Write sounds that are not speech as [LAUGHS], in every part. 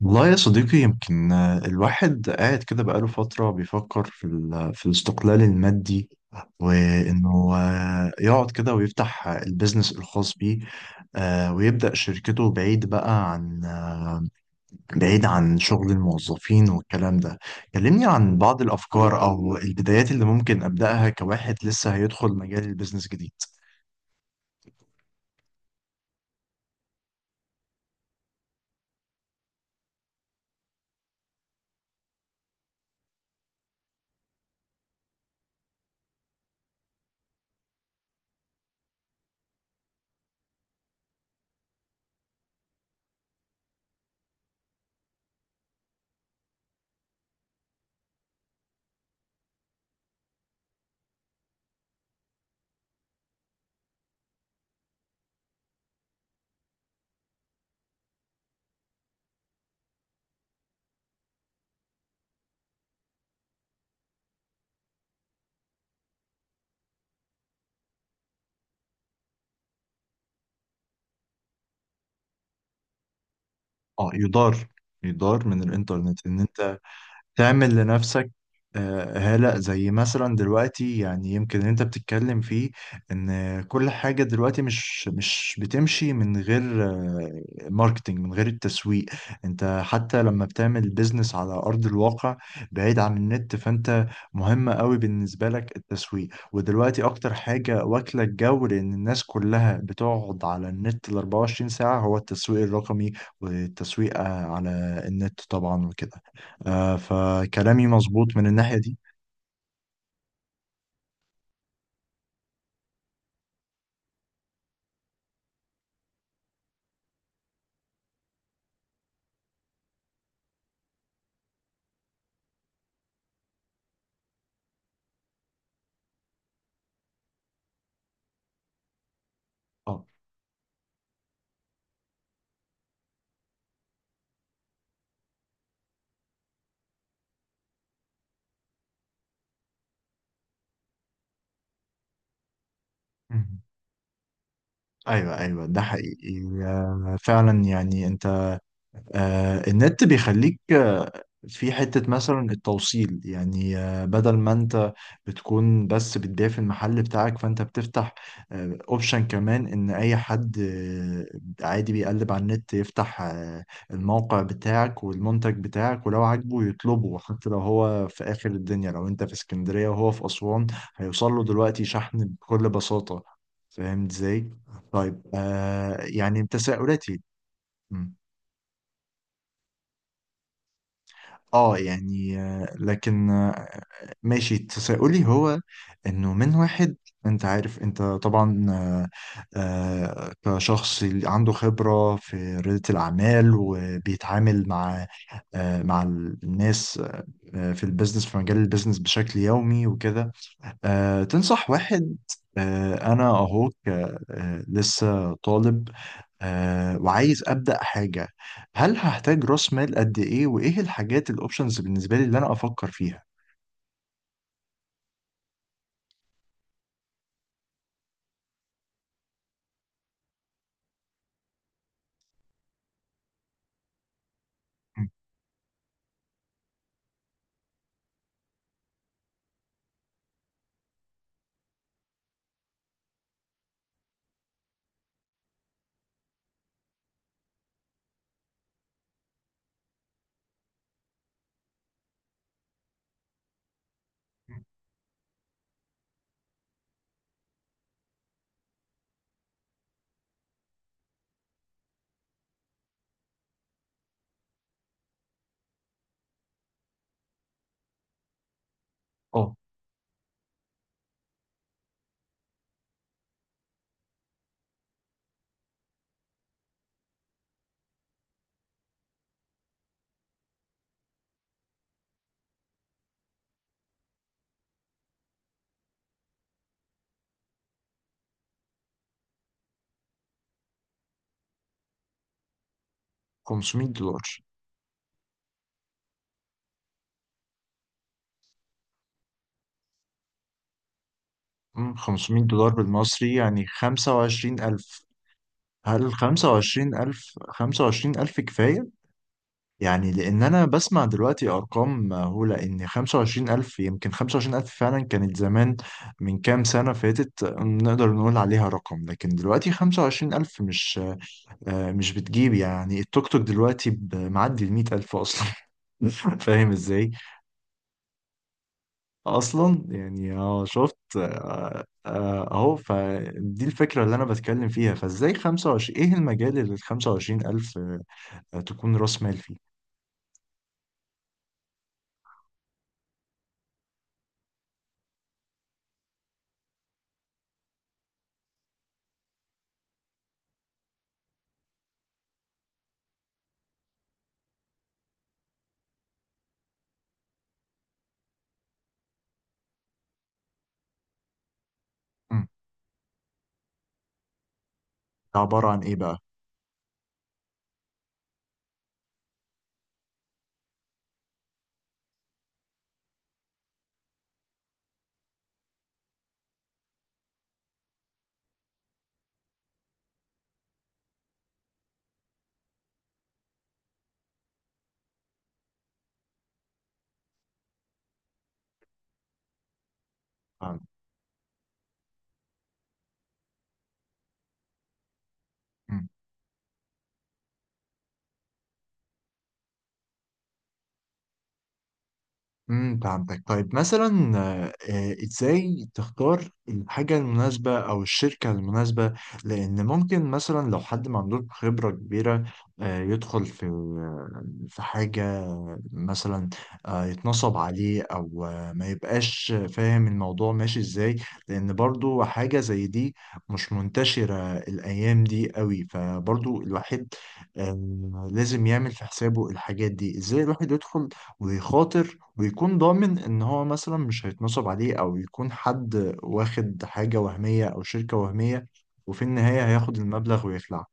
والله يا صديقي يمكن الواحد قاعد كده بقاله فترة بيفكر في الاستقلال المادي. وإنه يقعد كده ويفتح البيزنس الخاص بيه. ويبدأ شركته بعيد عن شغل الموظفين والكلام ده. كلمني عن بعض الأفكار أو البدايات اللي ممكن أبدأها كواحد لسه هيدخل مجال البيزنس جديد. اه، يدار من الإنترنت إن أنت تعمل لنفسك. هلأ زي مثلا دلوقتي يعني يمكن اللي انت بتتكلم فيه، ان كل حاجة دلوقتي مش بتمشي من غير ماركتينج، من غير التسويق. انت حتى لما بتعمل بيزنس على ارض الواقع بعيد عن النت، فانت مهم قوي بالنسبة لك التسويق. ودلوقتي اكتر حاجة واكلة الجو لان الناس كلها بتقعد على النت ال 24 ساعة هو التسويق الرقمي. والتسويق على النت طبعا وكده. فكلامي مظبوط من الناحية دي. اه، مهم. ايوه، ايوه، ده حقيقي فعلا. يعني انت النت بيخليك في حتة مثلا التوصيل. يعني بدل ما انت بتكون بس بتبيع في المحل بتاعك، فانت بتفتح اوبشن كمان ان اي حد عادي بيقلب على النت، يفتح الموقع بتاعك والمنتج بتاعك ولو عاجبه يطلبه. حتى لو هو في اخر الدنيا، لو انت في اسكندرية وهو في اسوان، هيوصل له دلوقتي شحن بكل بساطة. فاهم ازاي؟ طيب، يعني تساؤلاتي. اه، يعني لكن ماشي، تساؤلي هو انه من واحد. انت عارف، انت طبعا كشخص عنده خبرة في ريادة الأعمال وبيتعامل مع الناس في البيزنس، في مجال البيزنس بشكل يومي وكده. تنصح واحد، انا اهو لسه طالب وعايز أبدأ حاجة. هل هحتاج رأس مال قد إيه؟ وإيه الحاجات الأوبشنز بالنسبة لي اللي أنا أفكر فيها؟ مم. أه، 500 دولار. مم، 500 دولار بالمصري يعني 25000. هل 25000 كفاية؟ يعني لأن أنا بسمع دلوقتي أرقام مهولة، إن 25000 يمكن 25000 فعلا كانت زمان، من كام سنة فاتت نقدر نقول عليها رقم، لكن دلوقتي 25000 مش بتجيب. يعني التوك توك دلوقتي معدي المية ألف أصلا. [LAUGHS] فاهم ازاي اصلا؟ يعني اه، شفت. اهو فدي الفكره اللي انا بتكلم فيها. فازاي 25، ايه المجال اللي ال 25000 تكون راس مال فيه؟ مم. ده عباره عن ايه بقى؟ امم، فهمتك. طيب مثلا ازاي تختار الحاجة المناسبة او الشركة المناسبة؟ لان ممكن مثلا لو حد ما عندوش خبرة كبيرة، يدخل في حاجة، مثلا يتنصب عليه، او ما يبقاش فاهم الموضوع ماشي ازاي. لان برضو حاجة زي دي مش منتشرة الايام دي قوي، فبرضو الواحد لازم يعمل في حسابه الحاجات دي. ازاي الواحد يدخل ويخاطر، ويكون ضامن ان هو مثلا مش هيتنصب عليه، او يكون حد واخد حاجة وهمية او شركة وهمية وفي النهاية هياخد المبلغ ويخلع.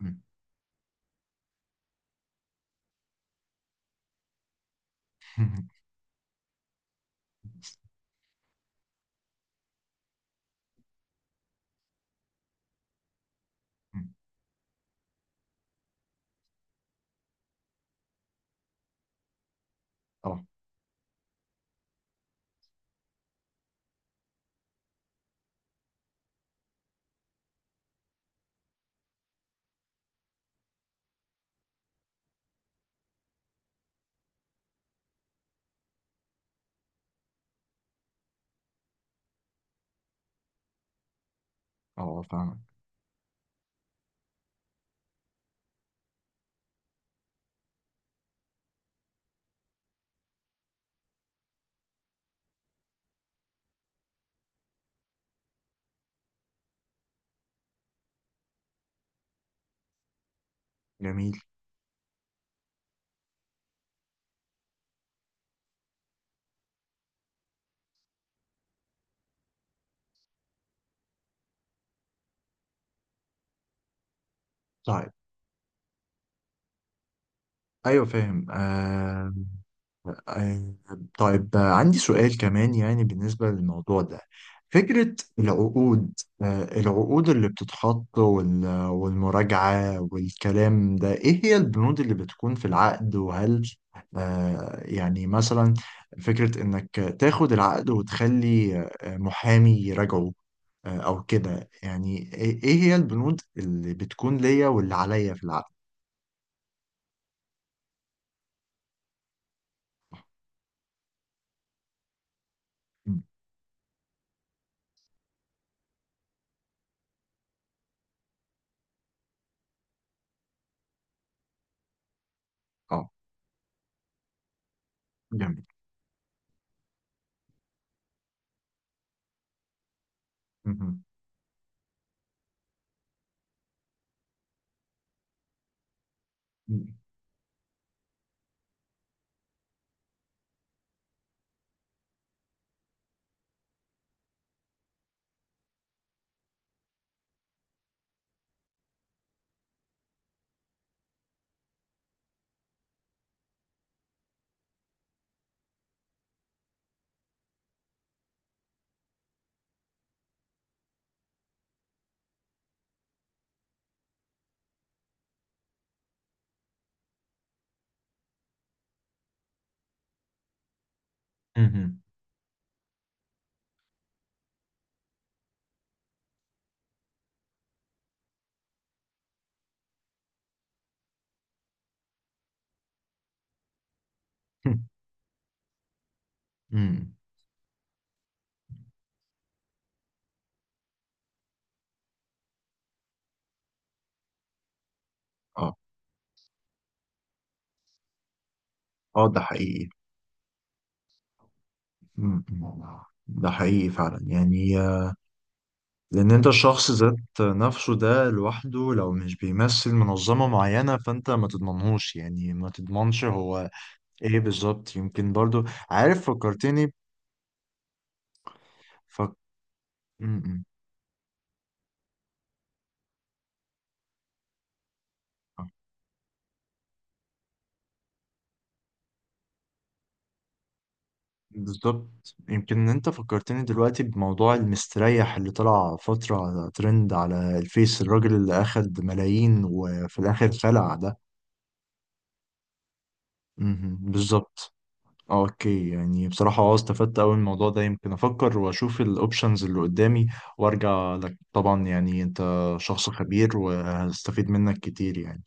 مم. [LAUGHS] اه، اه، فاهمك. جميل. طيب، ايوه فاهم آه، طيب عندي سؤال كمان يعني بالنسبة للموضوع ده، فكرة العقود. العقود اللي بتتحط والمراجعة والكلام ده، إيه هي البنود اللي بتكون في العقد؟ وهل يعني مثلا فكرة إنك تاخد العقد وتخلي محامي يراجعه أو كده؟ يعني إيه هي البنود اللي بتكون ليا واللي عليا في العقد؟ م، أه. جميل. مهم. مم. مهم. [LAUGHS] مم. آه. اه، ده حقيقي. مم. ده حقيقي فعلا يعني لأن أنت الشخص ذات نفسه ده لوحده، لو مش بيمثل منظمة معينة، فأنت ما تضمنهوش، يعني ما تضمنش هو. إيه، بالظبط يمكن برضو. عارف، فكرتني. فك... مم. بالظبط. يمكن إن أنت فكرتني دلوقتي بموضوع المستريح اللي طلع فترة على ترند على الفيس، الراجل اللي أخد ملايين وفي الآخر خلع ده. مم. بالظبط. اوكي. يعني بصراحة اه، استفدت اوي من الموضوع ده. يمكن افكر واشوف الاوبشنز اللي قدامي وارجع لك طبعا. يعني انت شخص خبير وهستفيد منك كتير يعني.